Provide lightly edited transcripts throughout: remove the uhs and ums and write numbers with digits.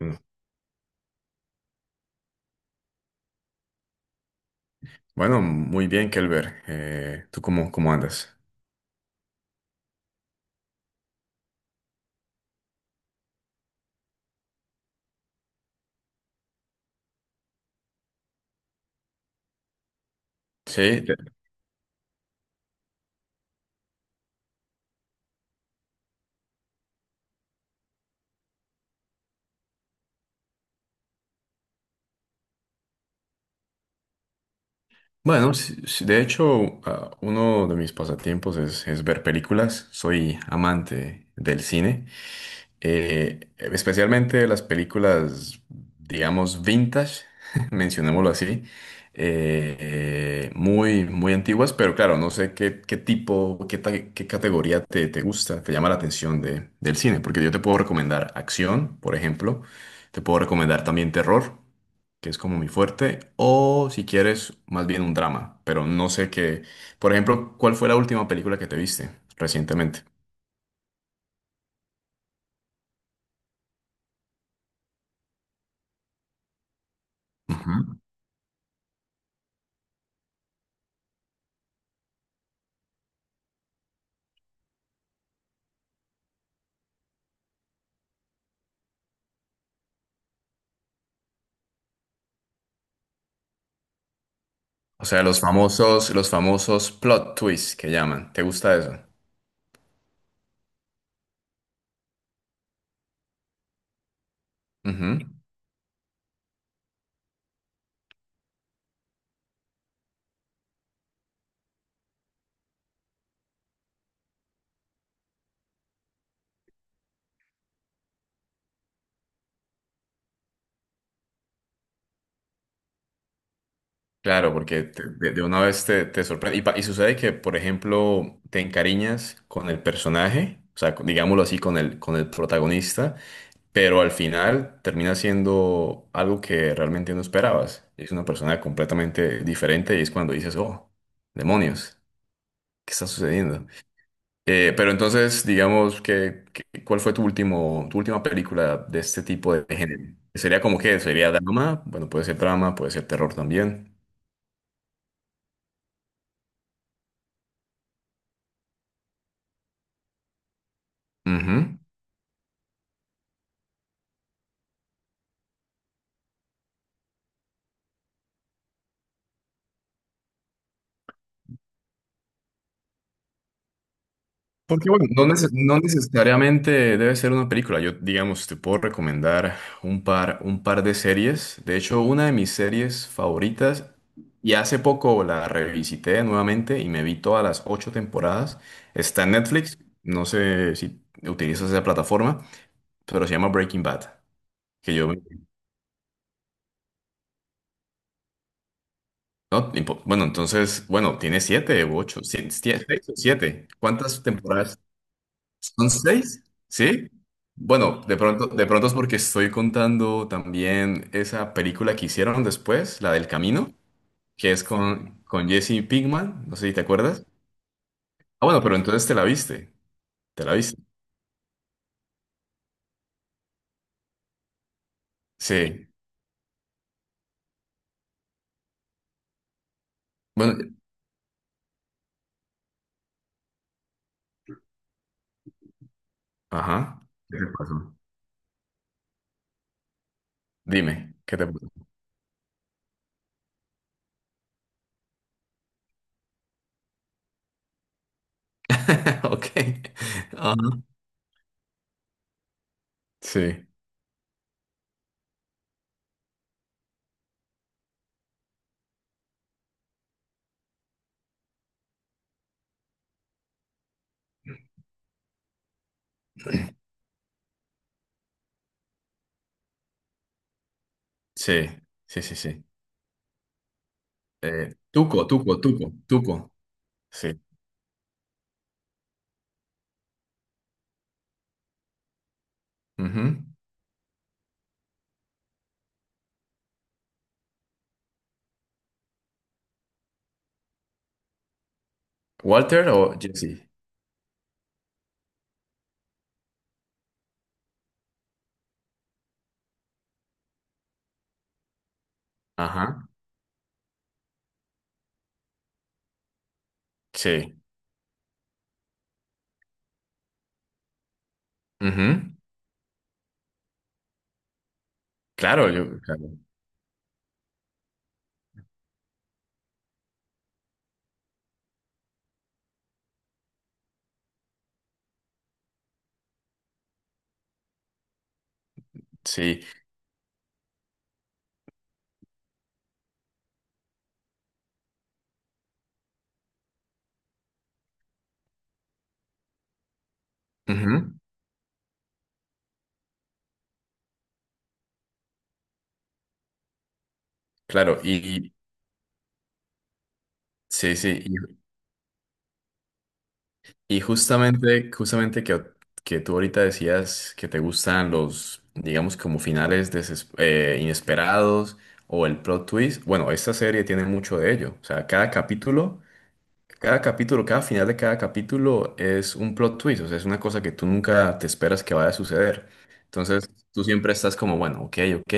Mm. Bueno, muy bien, Kelber. ¿Tú cómo andas? Sí, de- bueno, sí, de hecho, uno de mis pasatiempos es ver películas. Soy amante del cine. Especialmente las películas, digamos, vintage, mencionémoslo así, muy, muy antiguas, pero claro, no sé qué, qué categoría te gusta, te llama la atención del cine, porque yo te puedo recomendar acción, por ejemplo, te puedo recomendar también terror, que es como mi fuerte, o si quieres, más bien un drama, pero no sé qué, por ejemplo, ¿cuál fue la última película que te viste recientemente? O sea, los famosos plot twists que llaman. ¿Te gusta eso? Ujú. Claro, porque de una vez te sorprende. Y, y sucede que, por ejemplo, te encariñas con el personaje, o sea, digámoslo así, con el protagonista, pero al final termina siendo algo que realmente no esperabas. Es una persona completamente diferente y es cuando dices, oh, demonios, ¿qué está sucediendo? Pero entonces, digamos que, ¿cuál fue tu última película de este tipo de género? ¿Sería como qué? ¿Sería drama? Bueno, puede ser drama, puede ser terror también. Ujú. Porque bueno, no, no necesariamente debe ser una película. Yo, digamos, te puedo recomendar un par de series. De hecho, una de mis series favoritas, y hace poco la revisité nuevamente y me vi todas las ocho temporadas. Está en Netflix. No sé si utilizas esa plataforma, pero se llama Breaking Bad. Que yo, no, ni bueno, entonces, bueno, tiene siete u ocho, siete, seis o siete. ¿Cuántas temporadas? ¿Son seis? ¿Sí? Bueno, de pronto es porque estoy contando también esa película que hicieron después, la del Camino, que es con Jesse Pinkman, no sé si te acuerdas. Ah, bueno, pero entonces te la viste, te la viste. Sí. Bueno, ajá. ¿Qué te pasó? Dime, ¿qué te pasó? Ok. Ajá. Sí, sí, sí, sí, sí. Tuco, Tuco, Tuco, Tuco. Sí. Ujú. Walter o Jesse. Ajá. Sí. Ujú. Claro, yo, claro. Sí. Ujú. Claro. Y- sí, sí. Y justamente que tú ahorita decías que te gustan los, digamos, como finales inesperados o el plot twist. Bueno, esta serie tiene mucho de ello. O sea, cada capítulo. Cada capítulo, cada final de cada capítulo es un plot twist, o sea, es una cosa que tú nunca te esperas que vaya a suceder. Entonces, tú siempre estás como, bueno, ok, ok,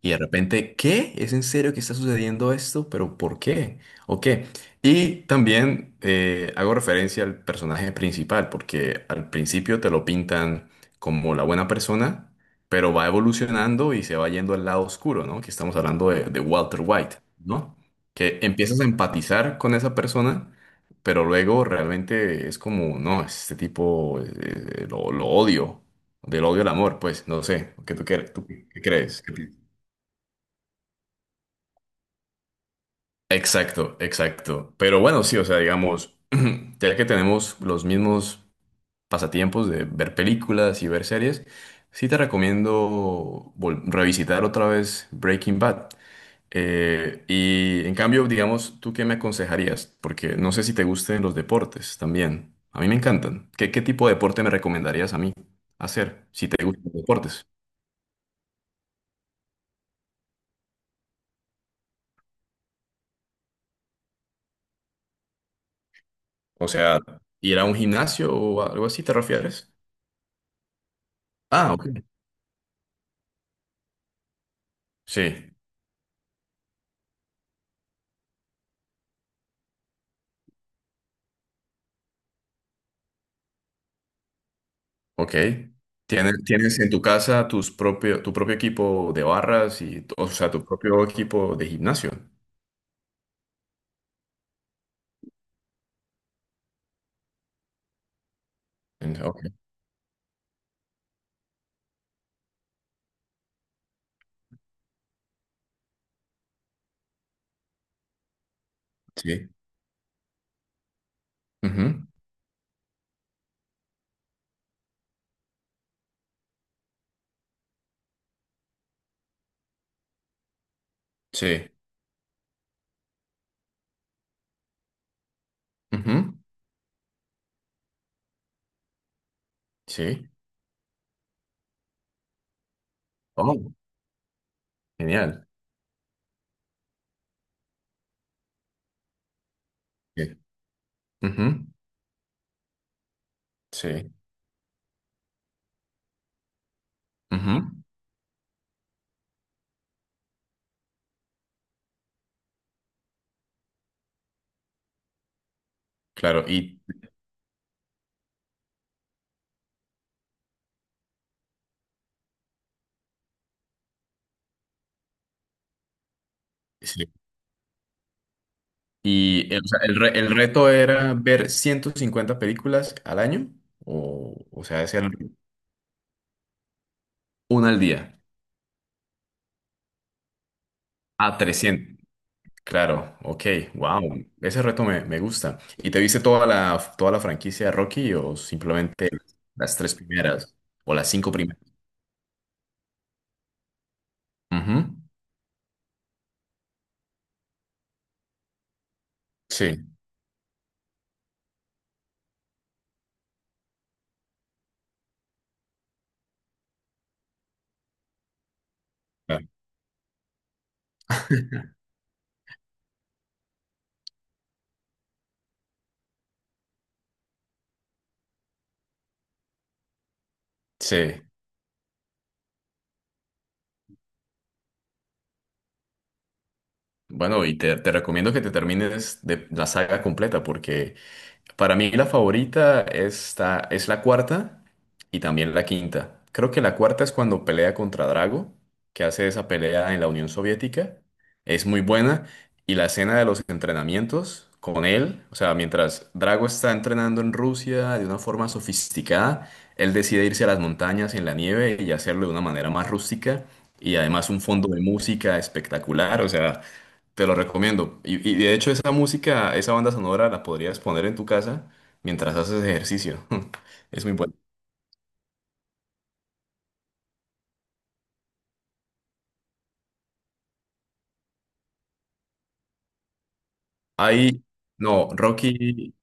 y de repente, ¿qué? ¿Es en serio que está sucediendo esto? ¿Pero por qué? ¿O qué? Y también hago referencia al personaje principal, porque al principio te lo pintan como la buena persona, pero va evolucionando y se va yendo al lado oscuro, ¿no? Que estamos hablando de Walter White, ¿no? Que empiezas a empatizar con esa persona, pero luego realmente es como, no, este tipo lo odio, del odio al amor, pues, no sé, ¿qué tú, tú qué crees? Exacto, exacto. Pero bueno, sí, o sea, digamos, ya que tenemos los mismos pasatiempos de ver películas y ver series, sí te recomiendo revisitar otra vez Breaking Bad. Y en cambio, digamos, ¿tú qué me aconsejarías? Porque no sé si te gusten los deportes también. A mí me encantan. Qué tipo de deporte me recomendarías a mí hacer si te gustan los deportes? O sea, ¿ir a un gimnasio o algo así te refieres? Ah, ok. Sí. Ok. Tienes en tu casa tu propio equipo de barras y, o sea, tu propio equipo de gimnasio? Ok. Sí. Ujú. Sí. Ujú. Sí. Oh, genial. Sí. Ujú. Sí. Ujú. Claro. Y, sí. Y o sea, el reto era ver 150 películas al año, o sea, hacer una al día. A 300. Claro, ok, wow, ese reto me gusta. ¿Y te viste toda toda la franquicia de Rocky o simplemente las tres primeras o las cinco primeras? Ujú, sí, claro, sí. Bueno, y te recomiendo que te termines de la saga completa, porque para mí la favorita es la cuarta y también la quinta. Creo que la cuarta es cuando pelea contra Drago, que hace esa pelea en la Unión Soviética. Es muy buena. Y la escena de los entrenamientos con él, o sea, mientras Drago está entrenando en Rusia de una forma sofisticada, él decide irse a las montañas en la nieve y hacerlo de una manera más rústica. Y además un fondo de música espectacular, o sea, te lo recomiendo. Y de hecho esa música, esa banda sonora la podrías poner en tu casa mientras haces ejercicio. Es muy bueno. Hay, no, Rocky,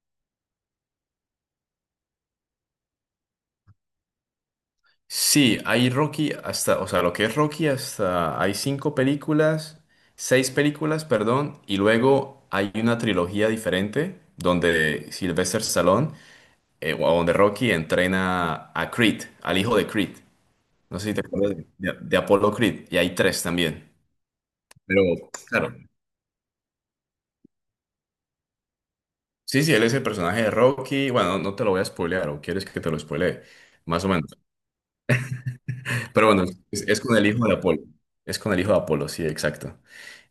sí, hay Rocky hasta, o sea, lo que es Rocky hasta, hay cinco películas, seis películas, perdón, y luego hay una trilogía diferente donde Sylvester Stallone, o donde Rocky entrena a Creed, al hijo de Creed. No sé si te acuerdas de Apollo Creed, y hay tres también. Pero, claro, sí, sí, él es el personaje de Rocky. Bueno, no te lo voy a spoilear, o quieres que te lo spoilee, más o menos. Pero bueno, es con el hijo de Apolo. Es con el hijo de Apolo, sí, exacto.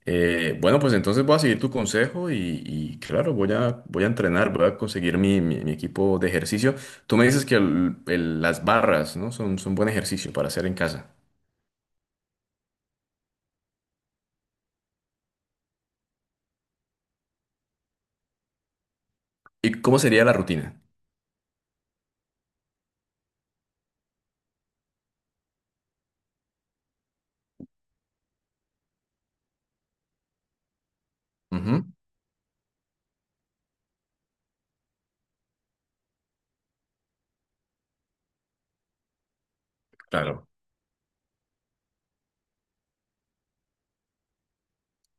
Bueno, pues entonces voy a seguir tu consejo y, claro, voy a entrenar, voy a conseguir mi, mi equipo de ejercicio. Tú me dices que las barras, ¿no? Son buen ejercicio para hacer en casa. ¿Y cómo sería la rutina? Ujú, claro,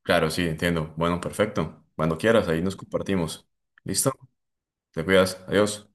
claro, sí, entiendo. Bueno, perfecto. Cuando quieras, ahí nos compartimos. ¿Listo? Te cuidas. Adiós.